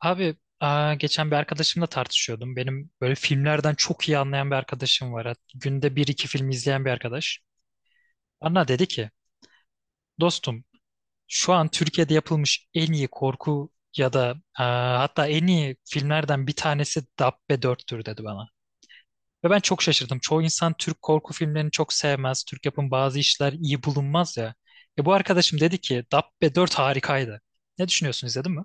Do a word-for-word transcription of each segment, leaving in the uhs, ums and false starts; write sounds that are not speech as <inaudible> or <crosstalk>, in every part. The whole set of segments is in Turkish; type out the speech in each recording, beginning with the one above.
Abi aa, geçen bir arkadaşımla tartışıyordum. Benim böyle filmlerden çok iyi anlayan bir arkadaşım var. Hat- Günde bir iki film izleyen bir arkadaş. Bana dedi ki dostum, şu an Türkiye'de yapılmış en iyi korku ya da aa, hatta en iyi filmlerden bir tanesi Dabbe dörttür dedi bana. Ve ben çok şaşırdım. Çoğu insan Türk korku filmlerini çok sevmez. Türk yapım bazı işler iyi bulunmaz ya. E bu arkadaşım dedi ki Dabbe dört harikaydı. Ne düşünüyorsun, izledin mi?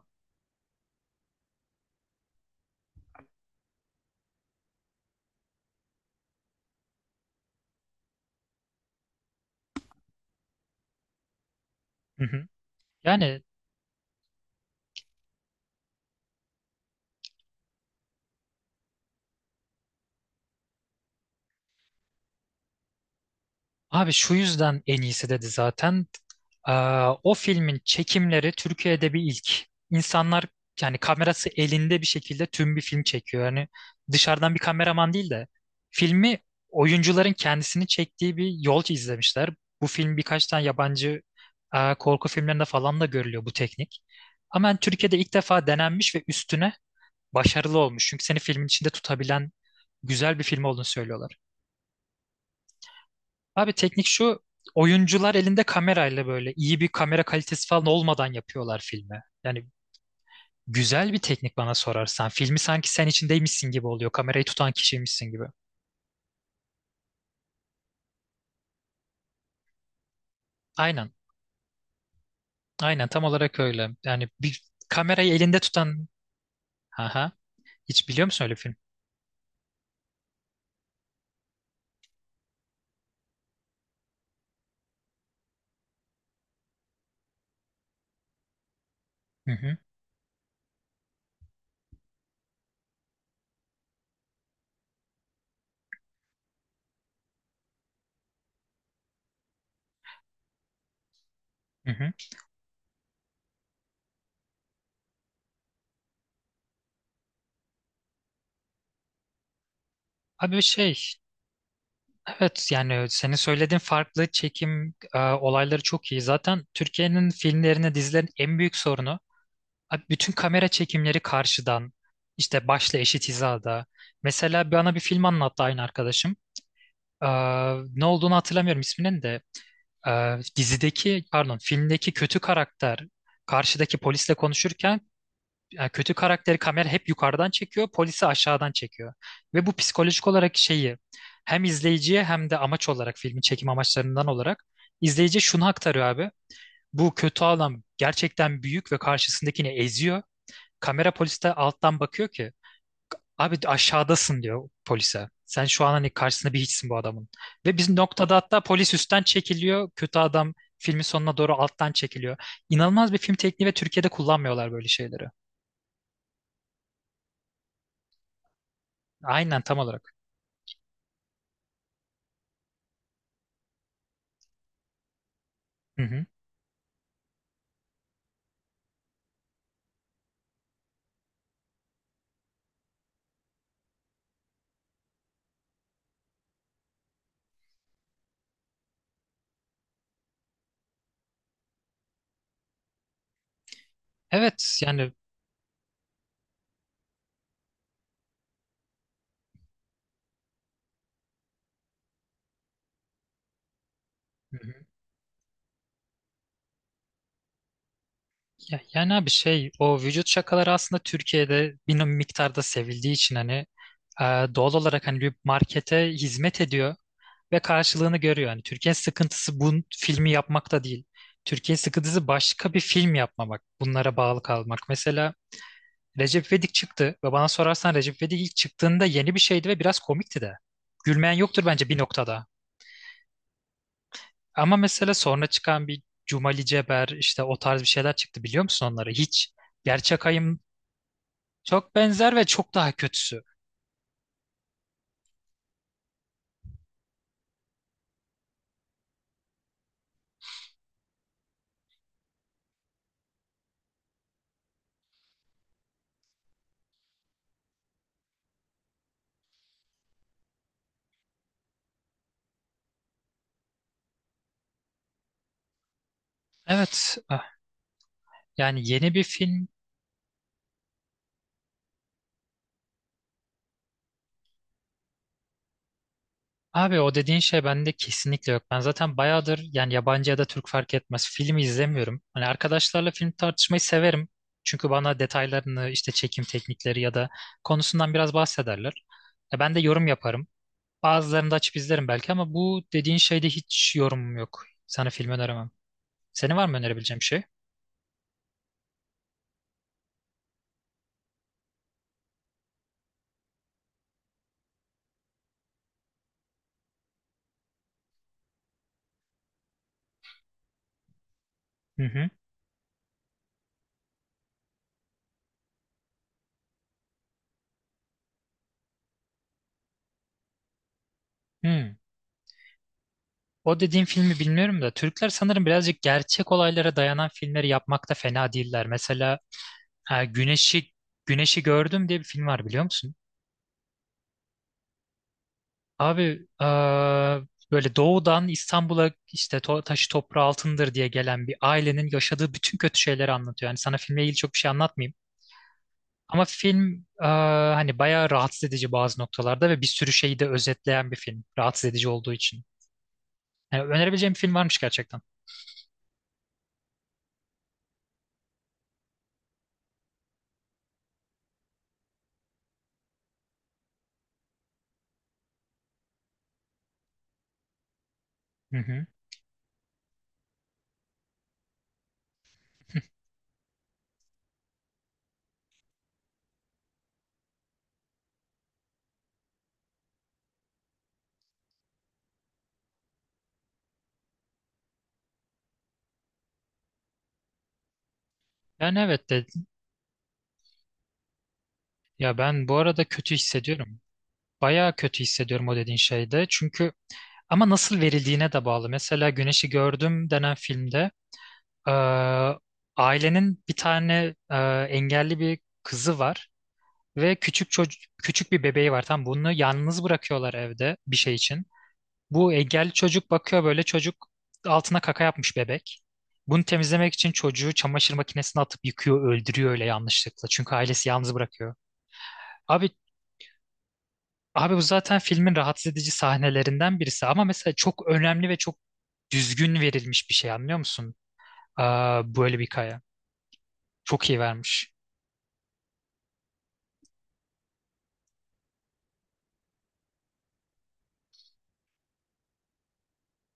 Hı hı. Yani abi şu yüzden en iyisi dedi zaten. Aa, o filmin çekimleri Türkiye'de bir ilk. İnsanlar, yani kamerası elinde bir şekilde tüm bir film çekiyor. Yani dışarıdan bir kameraman değil de filmi oyuncuların kendisini çektiği bir yol izlemişler. Bu film birkaç tane yabancı aa, korku filmlerinde falan da görülüyor bu teknik. Ama yani Türkiye'de ilk defa denenmiş ve üstüne başarılı olmuş. Çünkü seni filmin içinde tutabilen güzel bir film olduğunu söylüyorlar. Abi teknik şu, oyuncular elinde kamerayla böyle iyi bir kamera kalitesi falan olmadan yapıyorlar filmi. Yani güzel bir teknik bana sorarsan. Filmi sanki sen içindeymişsin gibi oluyor. Kamerayı tutan kişiymişsin gibi. Aynen. Aynen tam olarak öyle. Yani bir kamerayı elinde tutan. Aha. Hiç biliyor musun öyle bir film? Hı hı. Hı hı. Abi şey. Evet yani, senin söylediğin farklı çekim e, olayları çok iyi. Zaten Türkiye'nin filmlerine, dizilerin en büyük sorunu. Abi bütün kamera çekimleri karşıdan, işte başla eşit hizada. Mesela bana bir film anlattı aynı arkadaşım. Ee, Ne olduğunu hatırlamıyorum isminin de. Ee, dizideki, pardon, filmdeki kötü karakter karşıdaki polisle konuşurken e, kötü karakteri kamera hep yukarıdan çekiyor, polisi aşağıdan çekiyor. Ve bu psikolojik olarak şeyi hem izleyiciye hem de amaç olarak filmin çekim amaçlarından olarak izleyiciye şunu aktarıyor abi. Bu kötü adam gerçekten büyük ve karşısındakini eziyor. Kamera poliste alttan bakıyor ki abi aşağıdasın diyor polise. Sen şu an hani karşısında bir hiçsin bu adamın. Ve biz noktada hatta polis üstten çekiliyor. Kötü adam filmin sonuna doğru alttan çekiliyor. İnanılmaz bir film tekniği ve Türkiye'de kullanmıyorlar böyle şeyleri. Aynen tam olarak. Hı hı. Evet yani. Ya, yani abi şey, o vücut şakaları aslında Türkiye'de bir no, miktarda sevildiği için hani e, doğal olarak hani bir markete hizmet ediyor ve karşılığını görüyor. Hani Türkiye'nin sıkıntısı bu filmi yapmakta değil. Türkiye'nin sıkıntısı başka bir film yapmamak, bunlara bağlı kalmak. Mesela Recep İvedik çıktı ve bana sorarsan Recep İvedik ilk çıktığında yeni bir şeydi ve biraz komikti de. Gülmeyen yoktur bence bir noktada. Ama mesela sonra çıkan bir Cumali Ceber, işte o tarz bir şeyler çıktı, biliyor musun onları? Hiç gerçek. Çok benzer ve çok daha kötüsü. Evet, ah, yani yeni bir film. Abi o dediğin şey bende kesinlikle yok. Ben zaten bayağıdır yani yabancı ya da Türk fark etmez filmi izlemiyorum. Hani arkadaşlarla film tartışmayı severim. Çünkü bana detaylarını işte çekim teknikleri ya da konusundan biraz bahsederler. E, ben de yorum yaparım. Bazılarını da açıp izlerim belki ama bu dediğin şeyde hiç yorumum yok. Sana film öneremem. Senin var mı önerebileceğim şey? Hı hı. Hı. O dediğim filmi bilmiyorum da Türkler sanırım birazcık gerçek olaylara dayanan filmleri yapmakta fena değiller. Mesela e, Güneşi Güneşi Gördüm diye bir film var, biliyor musun? Abi e, böyle doğudan İstanbul'a işte to- taşı toprağı altındır diye gelen bir ailenin yaşadığı bütün kötü şeyleri anlatıyor. Yani sana filmle ilgili çok bir şey anlatmayayım. Ama film e, hani bayağı rahatsız edici bazı noktalarda ve bir sürü şeyi de özetleyen bir film. Rahatsız edici olduğu için. Yani önerebileceğim bir film varmış gerçekten. Hı hı. Yani evet de ya ben bu arada kötü hissediyorum. Bayağı kötü hissediyorum o dediğin şeyde. Çünkü ama nasıl verildiğine de bağlı. Mesela Güneşi Gördüm denen filmde e, ailenin bir tane e, engelli bir kızı var ve küçük çocuk, küçük bir bebeği var. Tam bunu yalnız bırakıyorlar evde bir şey için. Bu engelli çocuk bakıyor böyle, çocuk altına kaka yapmış bebek. Bunu temizlemek için çocuğu çamaşır makinesine atıp yıkıyor, öldürüyor öyle yanlışlıkla. Çünkü ailesi yalnız bırakıyor. Abi abi, bu zaten filmin rahatsız edici sahnelerinden birisi ama mesela çok önemli ve çok düzgün verilmiş bir şey, anlıyor musun? Aa, böyle bir hikaye. Çok iyi vermiş.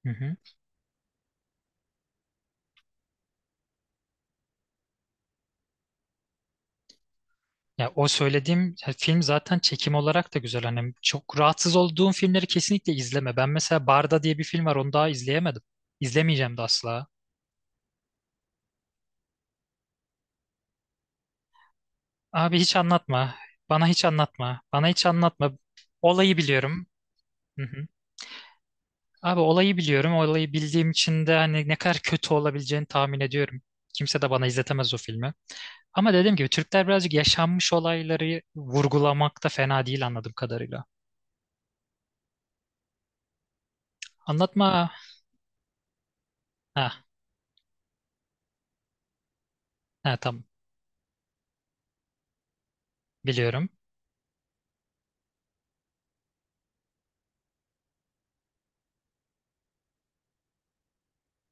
Hı hı. Ya o söylediğim ya, film zaten çekim olarak da güzel. Hani çok rahatsız olduğum filmleri kesinlikle izleme. Ben mesela Barda diye bir film var, onu daha izleyemedim. İzlemeyeceğim de asla. Abi hiç anlatma. Bana hiç anlatma. Bana hiç anlatma. Olayı biliyorum. Hı hı. Abi olayı biliyorum. Olayı bildiğim için de hani ne kadar kötü olabileceğini tahmin ediyorum. Kimse de bana izletemez o filmi. Ama dediğim gibi Türkler birazcık yaşanmış olayları vurgulamakta fena değil anladığım kadarıyla. Anlatma. Ha, ha tamam. Biliyorum.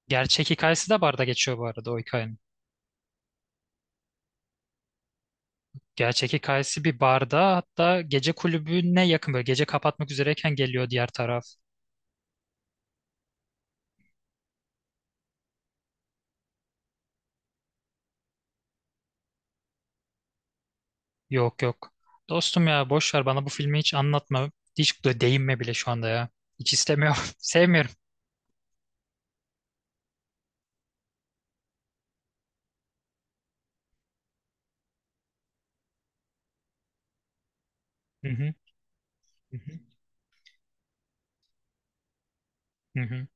Gerçek hikayesi de barda geçiyor bu arada o hikayenin. Gerçek hikayesi bir barda, hatta gece kulübüne yakın, böyle gece kapatmak üzereyken geliyor diğer taraf. Yok yok. Dostum ya boş ver, bana bu filmi hiç anlatma. Hiç de değinme bile şu anda ya. Hiç istemiyorum. <laughs> Sevmiyorum. Hı hı. Hı hı. Hı hı.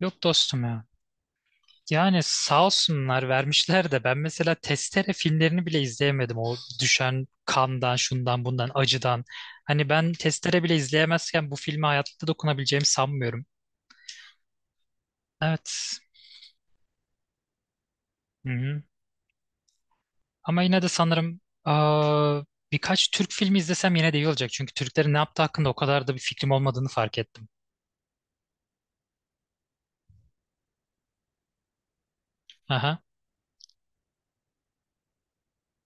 Yok dostum ya. Yani sağ olsunlar vermişler de ben mesela Testere filmlerini bile izleyemedim. O düşen kandan, şundan, bundan, acıdan. Hani ben Testere bile izleyemezken bu filme hayatta dokunabileceğimi sanmıyorum. Evet. Hı hı. Ama yine de sanırım aa, birkaç Türk filmi izlesem yine de iyi olacak. Çünkü Türklerin ne yaptığı hakkında o kadar da bir fikrim olmadığını fark ettim. Aha.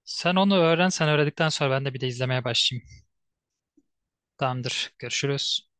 Sen onu öğren. Sen öğrendikten sonra ben de bir de izlemeye başlayayım. Tamamdır. Görüşürüz.